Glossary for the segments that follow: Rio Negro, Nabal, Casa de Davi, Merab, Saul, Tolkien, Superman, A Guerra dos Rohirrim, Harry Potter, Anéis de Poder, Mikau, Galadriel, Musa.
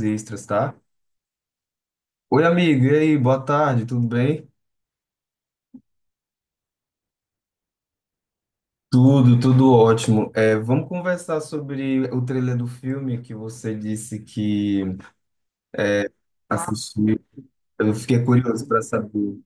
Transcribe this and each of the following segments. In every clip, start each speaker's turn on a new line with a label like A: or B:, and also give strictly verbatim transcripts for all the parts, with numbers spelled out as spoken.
A: Extras, tá? Oi, amigo, e aí, boa tarde, tudo bem? Tudo, tudo ótimo. É, vamos conversar sobre o trailer do filme que você disse que assistiu. Eu fiquei curioso para saber.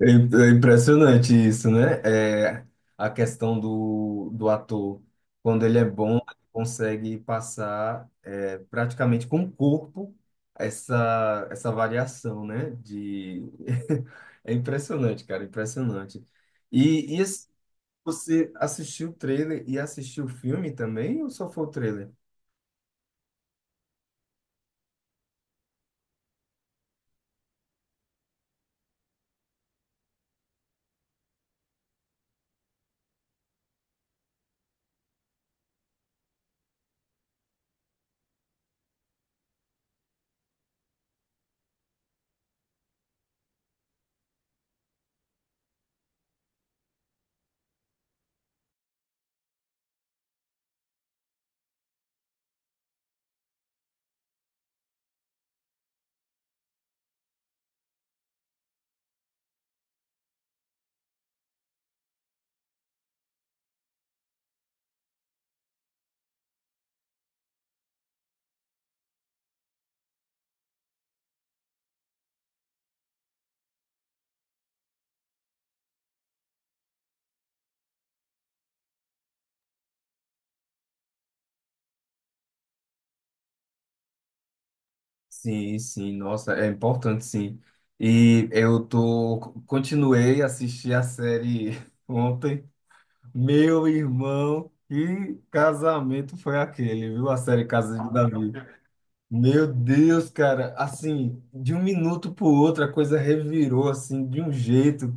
A: É im- é impressionante isso, né? É, a questão do, do ator. Quando ele é bom, ele consegue passar é, praticamente com o corpo essa, essa variação, né? De... É impressionante, cara, impressionante. E, e você assistiu o trailer e assistiu o filme também, ou só foi o trailer? Sim, sim, nossa, é importante sim. E eu tô, continuei a assistir a série ontem. Meu irmão, que casamento foi aquele, viu? A série Casa de Davi. Meu Deus, cara, assim, de um minuto pro outro a coisa revirou assim de um jeito.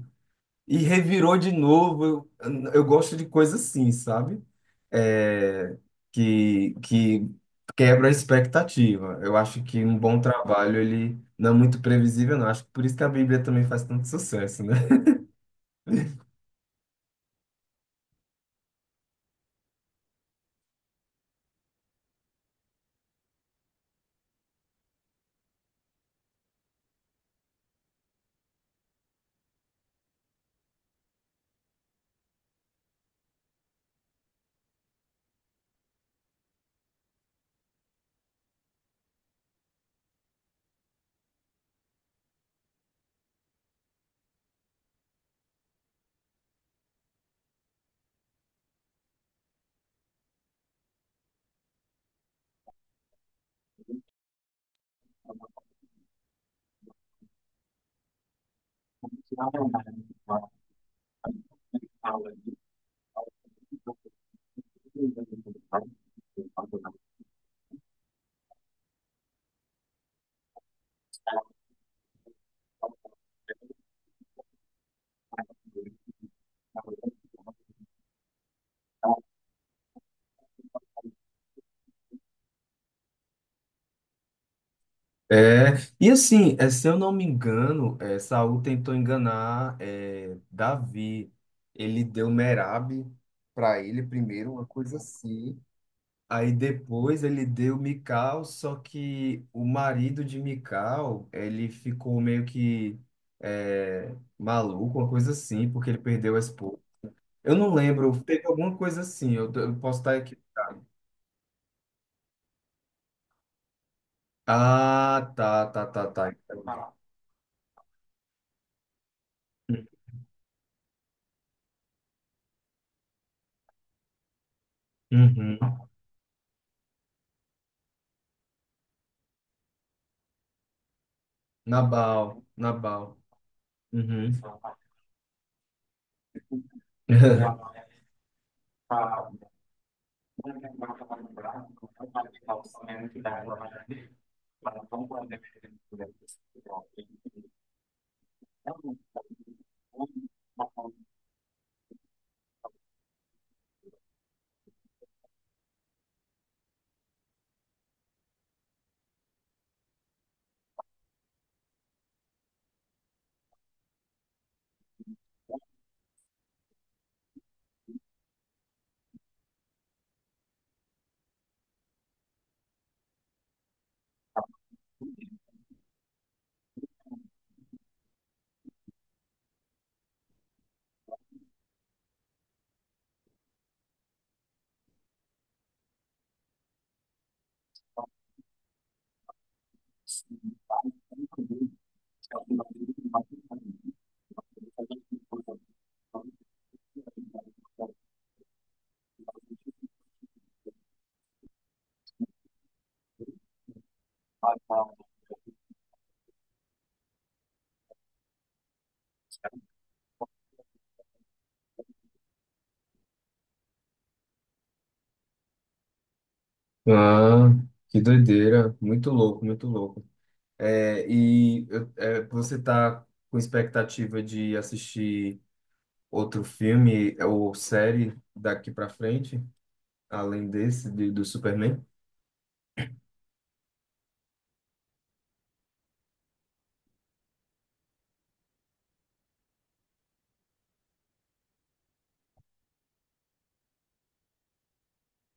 A: E revirou de novo. Eu, eu gosto de coisa assim, sabe? É, que, que quebra a expectativa. Eu acho que um bom trabalho, ele não é muito previsível, não. Acho que por isso que a Bíblia também faz tanto sucesso, né? É, e assim, é, se eu não me engano, é, Saul tentou enganar é, Davi. Ele deu Merab para ele primeiro, uma coisa assim. Aí depois ele deu Mikau, só que o marido de Mikau, ele ficou meio que é, maluco, uma coisa assim, porque ele perdeu a esposa. Eu não lembro, teve alguma coisa assim, eu, eu posso estar aqui. Ah, tá, tá, tá, tá. Uhum. Nabal, Nabal. Uhum. Ah, que doideira. Muito louco, muito louco. É, e eu- é, você tá com expectativa de assistir outro filme ou série daqui pra frente, além desse de- do Superman?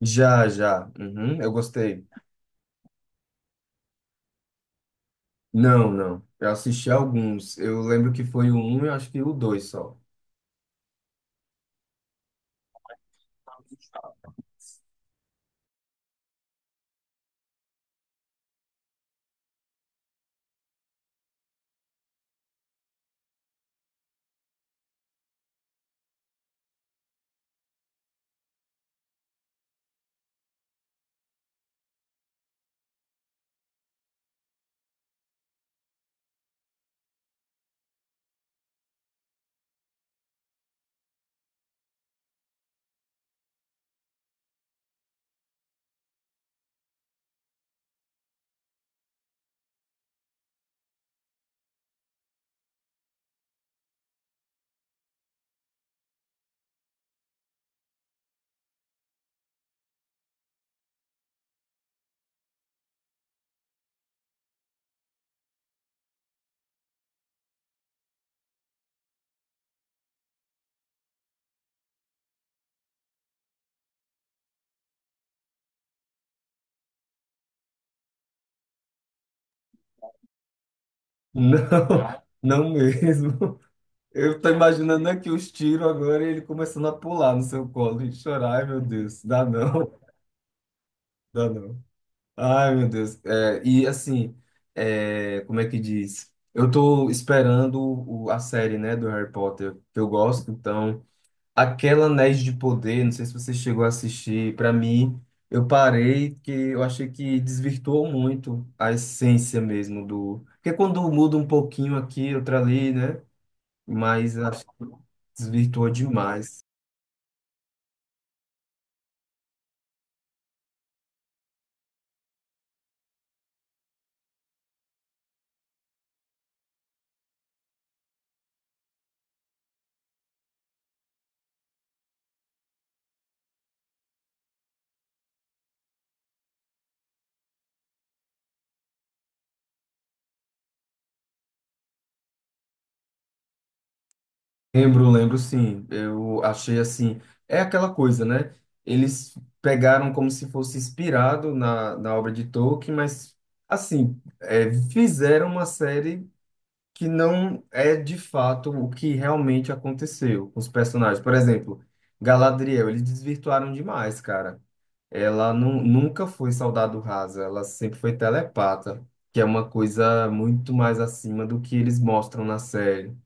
A: Já, já. Uhum, eu gostei. Não, não. Eu assisti alguns. Eu lembro que foi o um e acho que o dois só. Não, não mesmo. Eu tô imaginando aqui os tiros agora e ele começando a pular no seu colo e chorar. Ai, meu Deus, dá não, dá não. Ai, meu Deus. É, e assim, é, como é que diz? Eu tô esperando o- a série, né, do Harry Potter, que eu gosto, então, aquela Anéis de Poder, não sei se você chegou a assistir. Pra mim, eu parei que eu achei que desvirtuou muito a essência mesmo do... Porque quando muda um pouquinho aqui, outra ali, né, mas acho que desvirtuou demais. Lembro, lembro sim. Eu achei assim. É aquela coisa, né? Eles pegaram como se fosse inspirado na, na obra de Tolkien, mas, assim, é, fizeram uma série que não é de fato o que realmente aconteceu com os personagens. Por exemplo, Galadriel, eles desvirtuaram demais, cara. Ela nu- nunca foi soldado rasa, ela sempre foi telepata, que é uma coisa muito mais acima do que eles mostram na série,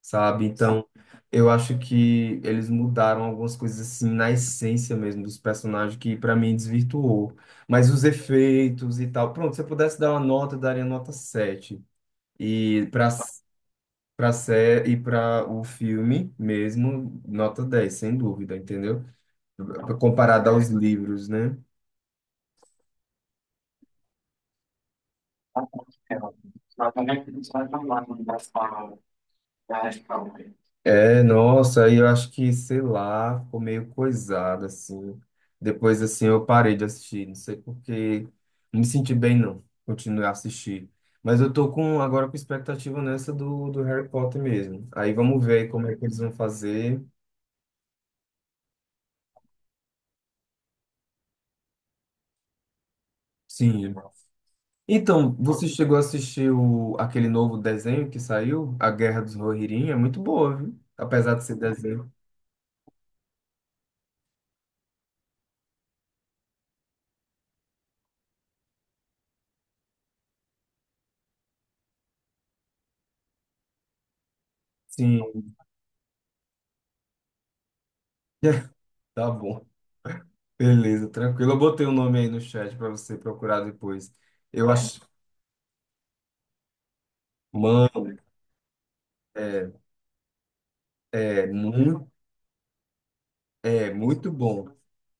A: sabe? Então, eu acho que eles mudaram algumas coisas assim na essência mesmo dos personagens que pra mim desvirtuou. Mas os efeitos e tal, pronto, se eu pudesse dar uma nota, eu daria nota sete. E para para série e para o filme mesmo, nota dez sem dúvida, entendeu? Comparado aos livros, né? É, nossa, aí eu acho que, sei lá, ficou meio coisado, assim. Depois, assim, eu parei de assistir, não sei porque não me senti bem, não continuei a assistir. Mas eu tô com, agora com expectativa nessa do, do Harry Potter mesmo. Aí vamos ver como é que eles vão fazer. Sim. Então, você chegou a assistir o, aquele novo desenho que saiu, A Guerra dos Rohirrim? É muito boa, viu? Apesar de ser desenho. Sim, tá bom. Beleza, tranquilo. Eu botei o nome aí no chat para você procurar depois. Eu acho, mano, é, é muito, é muito bom,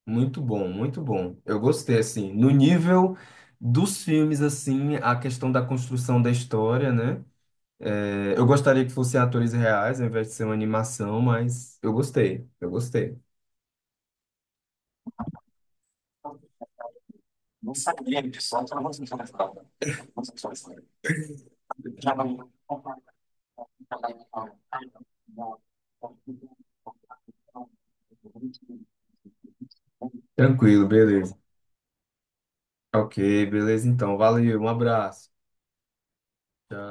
A: muito bom, muito bom. Eu gostei assim, no nível dos filmes assim, a questão da construção da história, né? É, eu gostaria que fossem atores reais, ao invés de ser uma animação, mas eu gostei, eu gostei. Tranquilo, beleza. Ok, beleza. Então, valeu, um abraço.